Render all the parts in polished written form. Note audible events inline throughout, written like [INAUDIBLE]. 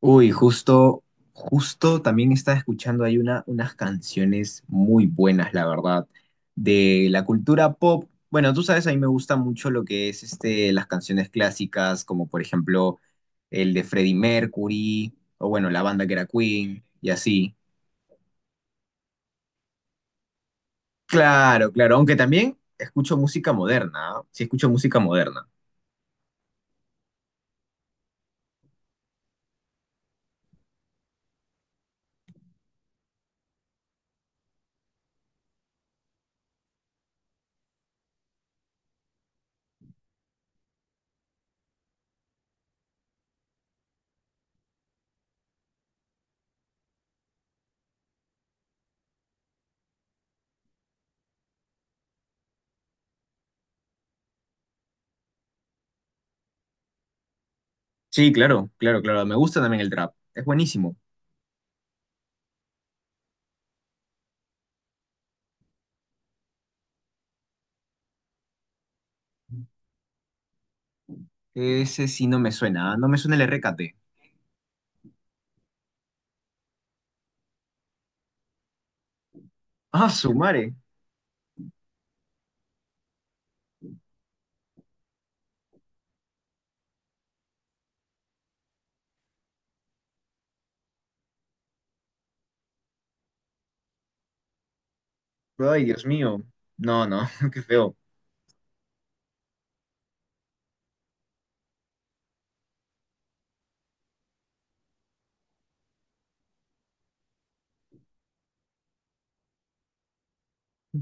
Uy, justo, justo también estaba escuchando ahí unas canciones muy buenas, la verdad, de la cultura pop. Bueno, tú sabes, a mí me gusta mucho lo que es las canciones clásicas, como por ejemplo el de Freddie Mercury, o bueno, la banda que era Queen, y así. Claro, claro, aunque también escucho música moderna, ¿ah? Sí, escucho música moderna. Sí, claro, claro, claro, me gusta también el trap, es buenísimo. Ese sí no me suena, ¿ah? No me suena el RKT. Ah, su madre. Ay, Dios mío. No, no, [LAUGHS] qué feo.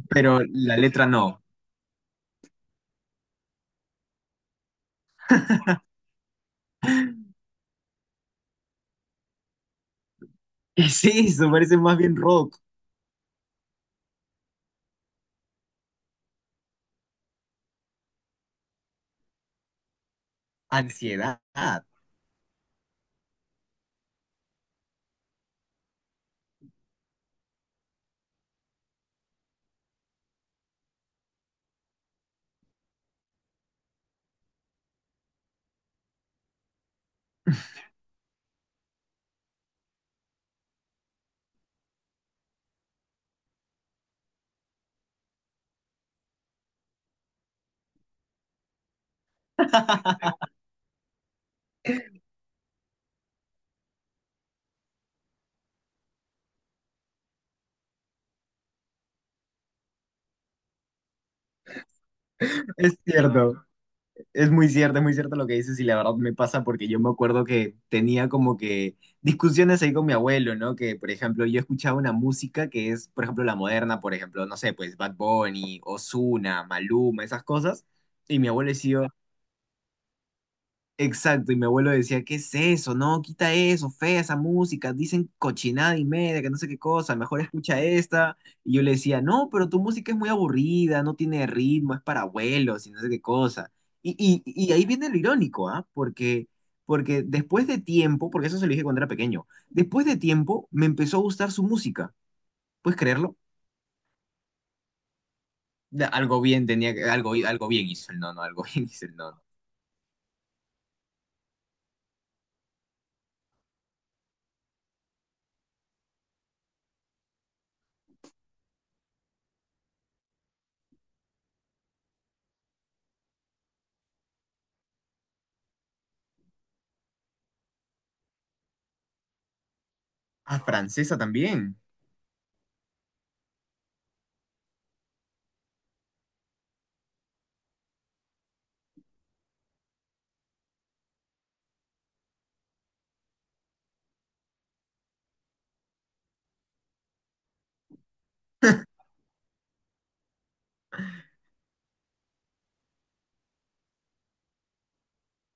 Pero la letra no. [LAUGHS] ¿Qué es eso? Parece más bien rock. Ansiedad. Es cierto. Es muy cierto, es muy cierto lo que dices y la verdad me pasa porque yo me acuerdo que tenía como que discusiones ahí con mi abuelo, ¿no? Que, por ejemplo, yo escuchaba una música que es, por ejemplo, la moderna, por ejemplo, no sé, pues Bad Bunny, Ozuna, Maluma, esas cosas. Y mi abuelo decía, exacto, y mi abuelo decía, ¿qué es eso? No, quita eso, fea esa música, dicen cochinada y media, que no sé qué cosa, mejor escucha esta. Y yo le decía, no, pero tu música es muy aburrida, no tiene ritmo, es para abuelos y no sé qué cosa. Y, y ahí viene lo irónico, ¿ah? Porque después de tiempo, porque eso se lo dije cuando era pequeño, después de tiempo me empezó a gustar su música, ¿puedes creerlo? Da- Algo bien tenía que, algo, algo bien hizo el nono, algo [LAUGHS] bien hizo el nono. Ah, francesa también.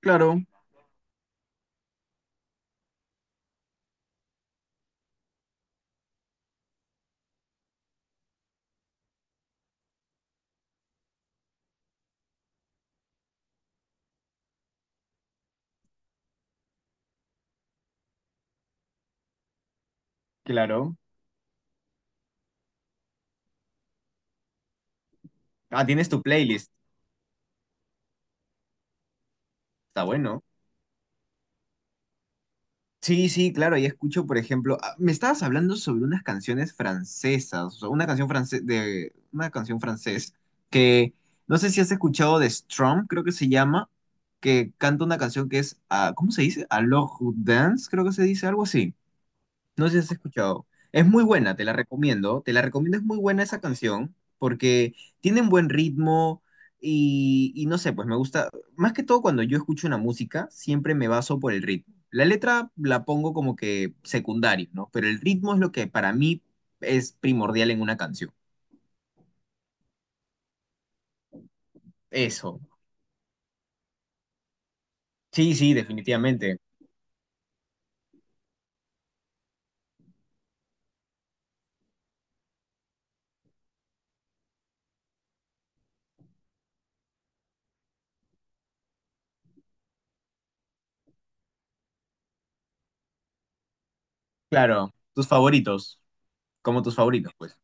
Claro, claro. Ah, tienes tu playlist. Está bueno. Sí, sí, claro, ahí escucho, por ejemplo, ah, me estabas hablando sobre unas canciones francesas, o sea, una canción france- de una canción francés que no sé si has escuchado de Strom, creo que se llama, que canta una canción que es, ah, ¿cómo se dice? Alors Dance, creo que se dice algo así. No sé si has escuchado. Es muy buena, te la recomiendo. Te la recomiendo, es muy buena esa canción porque tiene un buen ritmo y no sé, pues me gusta. Más que todo cuando yo escucho una música, siempre me baso por el ritmo. La letra la pongo como que secundario, ¿no? Pero el ritmo es lo que para mí es primordial en una canción. Eso. Sí, sí, definitivamente. Claro, tus favoritos, como tus favoritos, pues.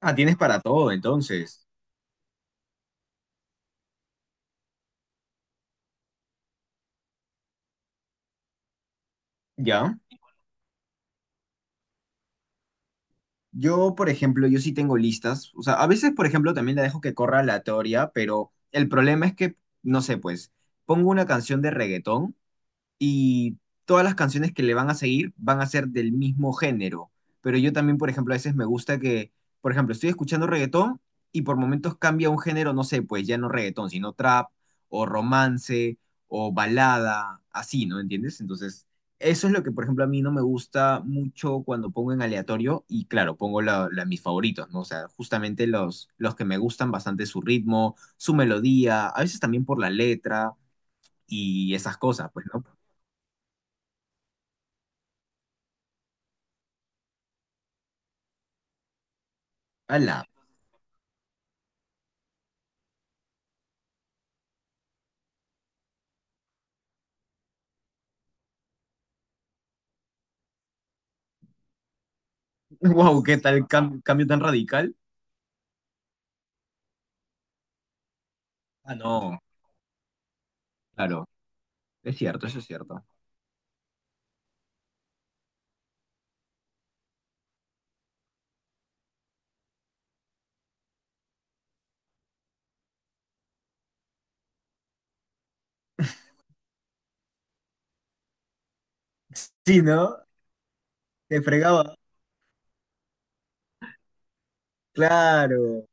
Ah, tienes para todo, entonces. ¿Ya? Yo, por ejemplo, yo sí tengo listas. O sea, a veces, por ejemplo, también la dejo que corra aleatoria, pero el problema es que, no sé, pues, pongo una canción de reggaetón y todas las canciones que le van a seguir van a ser del mismo género. Pero yo también, por ejemplo, a veces me gusta que, por ejemplo, estoy escuchando reggaetón y por momentos cambia un género, no sé, pues ya no reggaetón, sino trap o romance o balada, así, ¿no? ¿Entiendes? Entonces, eso es lo que, por ejemplo, a mí no me gusta mucho cuando pongo en aleatorio y claro, pongo mis favoritos, ¿no? O sea, justamente los que me gustan bastante su ritmo, su melodía, a veces también por la letra y esas cosas, pues, ¿no? ¡Hala! Wow, ¿qué tal cam- cambio tan radical? Ah, no, claro, es cierto, eso es cierto. Sí, ¿no? Te fregaba. Claro.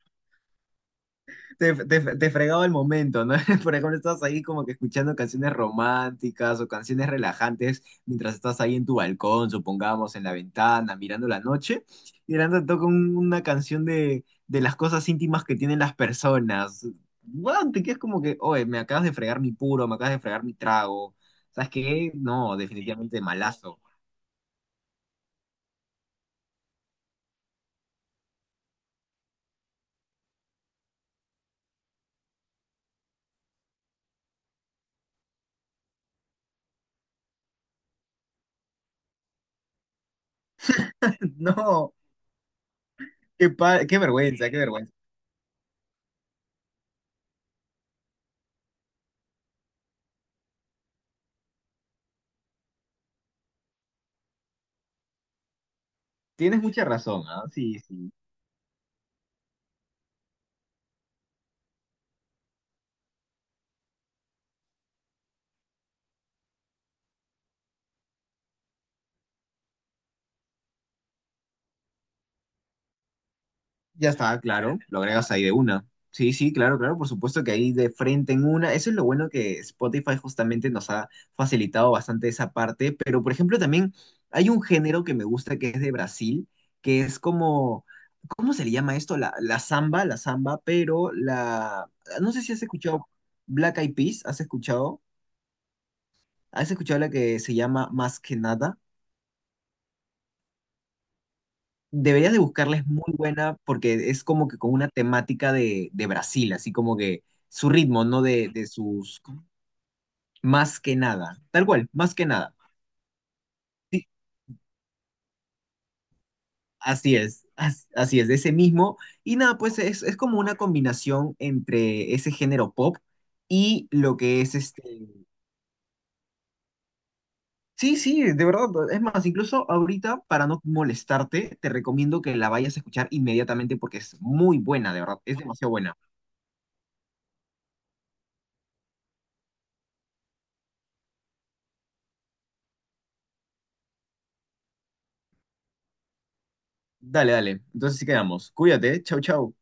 Te fregaba el momento, ¿no? [LAUGHS] Por ejemplo, estás ahí como que escuchando canciones románticas o canciones relajantes mientras estás ahí en tu balcón, supongamos, en la ventana, mirando la noche, y de la nada toca un- una canción de las cosas íntimas que tienen las personas. Bueno, te quedas como que, oye, me acabas de fregar mi puro, me acabas de fregar mi trago. ¿Sabes qué? No, definitivamente malazo. [LAUGHS] No, qué, pa- qué vergüenza, qué vergüenza. Tienes mucha razón, ¿ah? Sí, sí. Ya está, claro, lo agregas ahí de una. Sí, sí, claro, claro, por supuesto que ahí de frente en una. Eso es lo bueno que Spotify justamente nos ha facilitado bastante esa parte, pero por ejemplo también hay un género que me gusta que es de Brasil, que es como, ¿cómo se le llama esto? La samba, la samba, pero la, no sé si has escuchado Black Eyed Peas, ¿has escuchado? ¿Has escuchado la que se llama Más que nada? Deberías de buscarla, es muy buena porque es como que con una temática de Brasil, así como que su ritmo, ¿no? De sus... Más que nada, tal cual, más que nada. Sí, así es, as- así es, de ese mismo. Y nada, pues es como una combinación entre ese género pop y lo que es este... Sí, sí, de verdad. Es más, incluso ahorita, para no molestarte, te recomiendo que la vayas a escuchar inmediatamente porque es muy buena, de verdad, es demasiado buena. Dale, dale. Entonces sí quedamos. Cuídate. Chau, chau.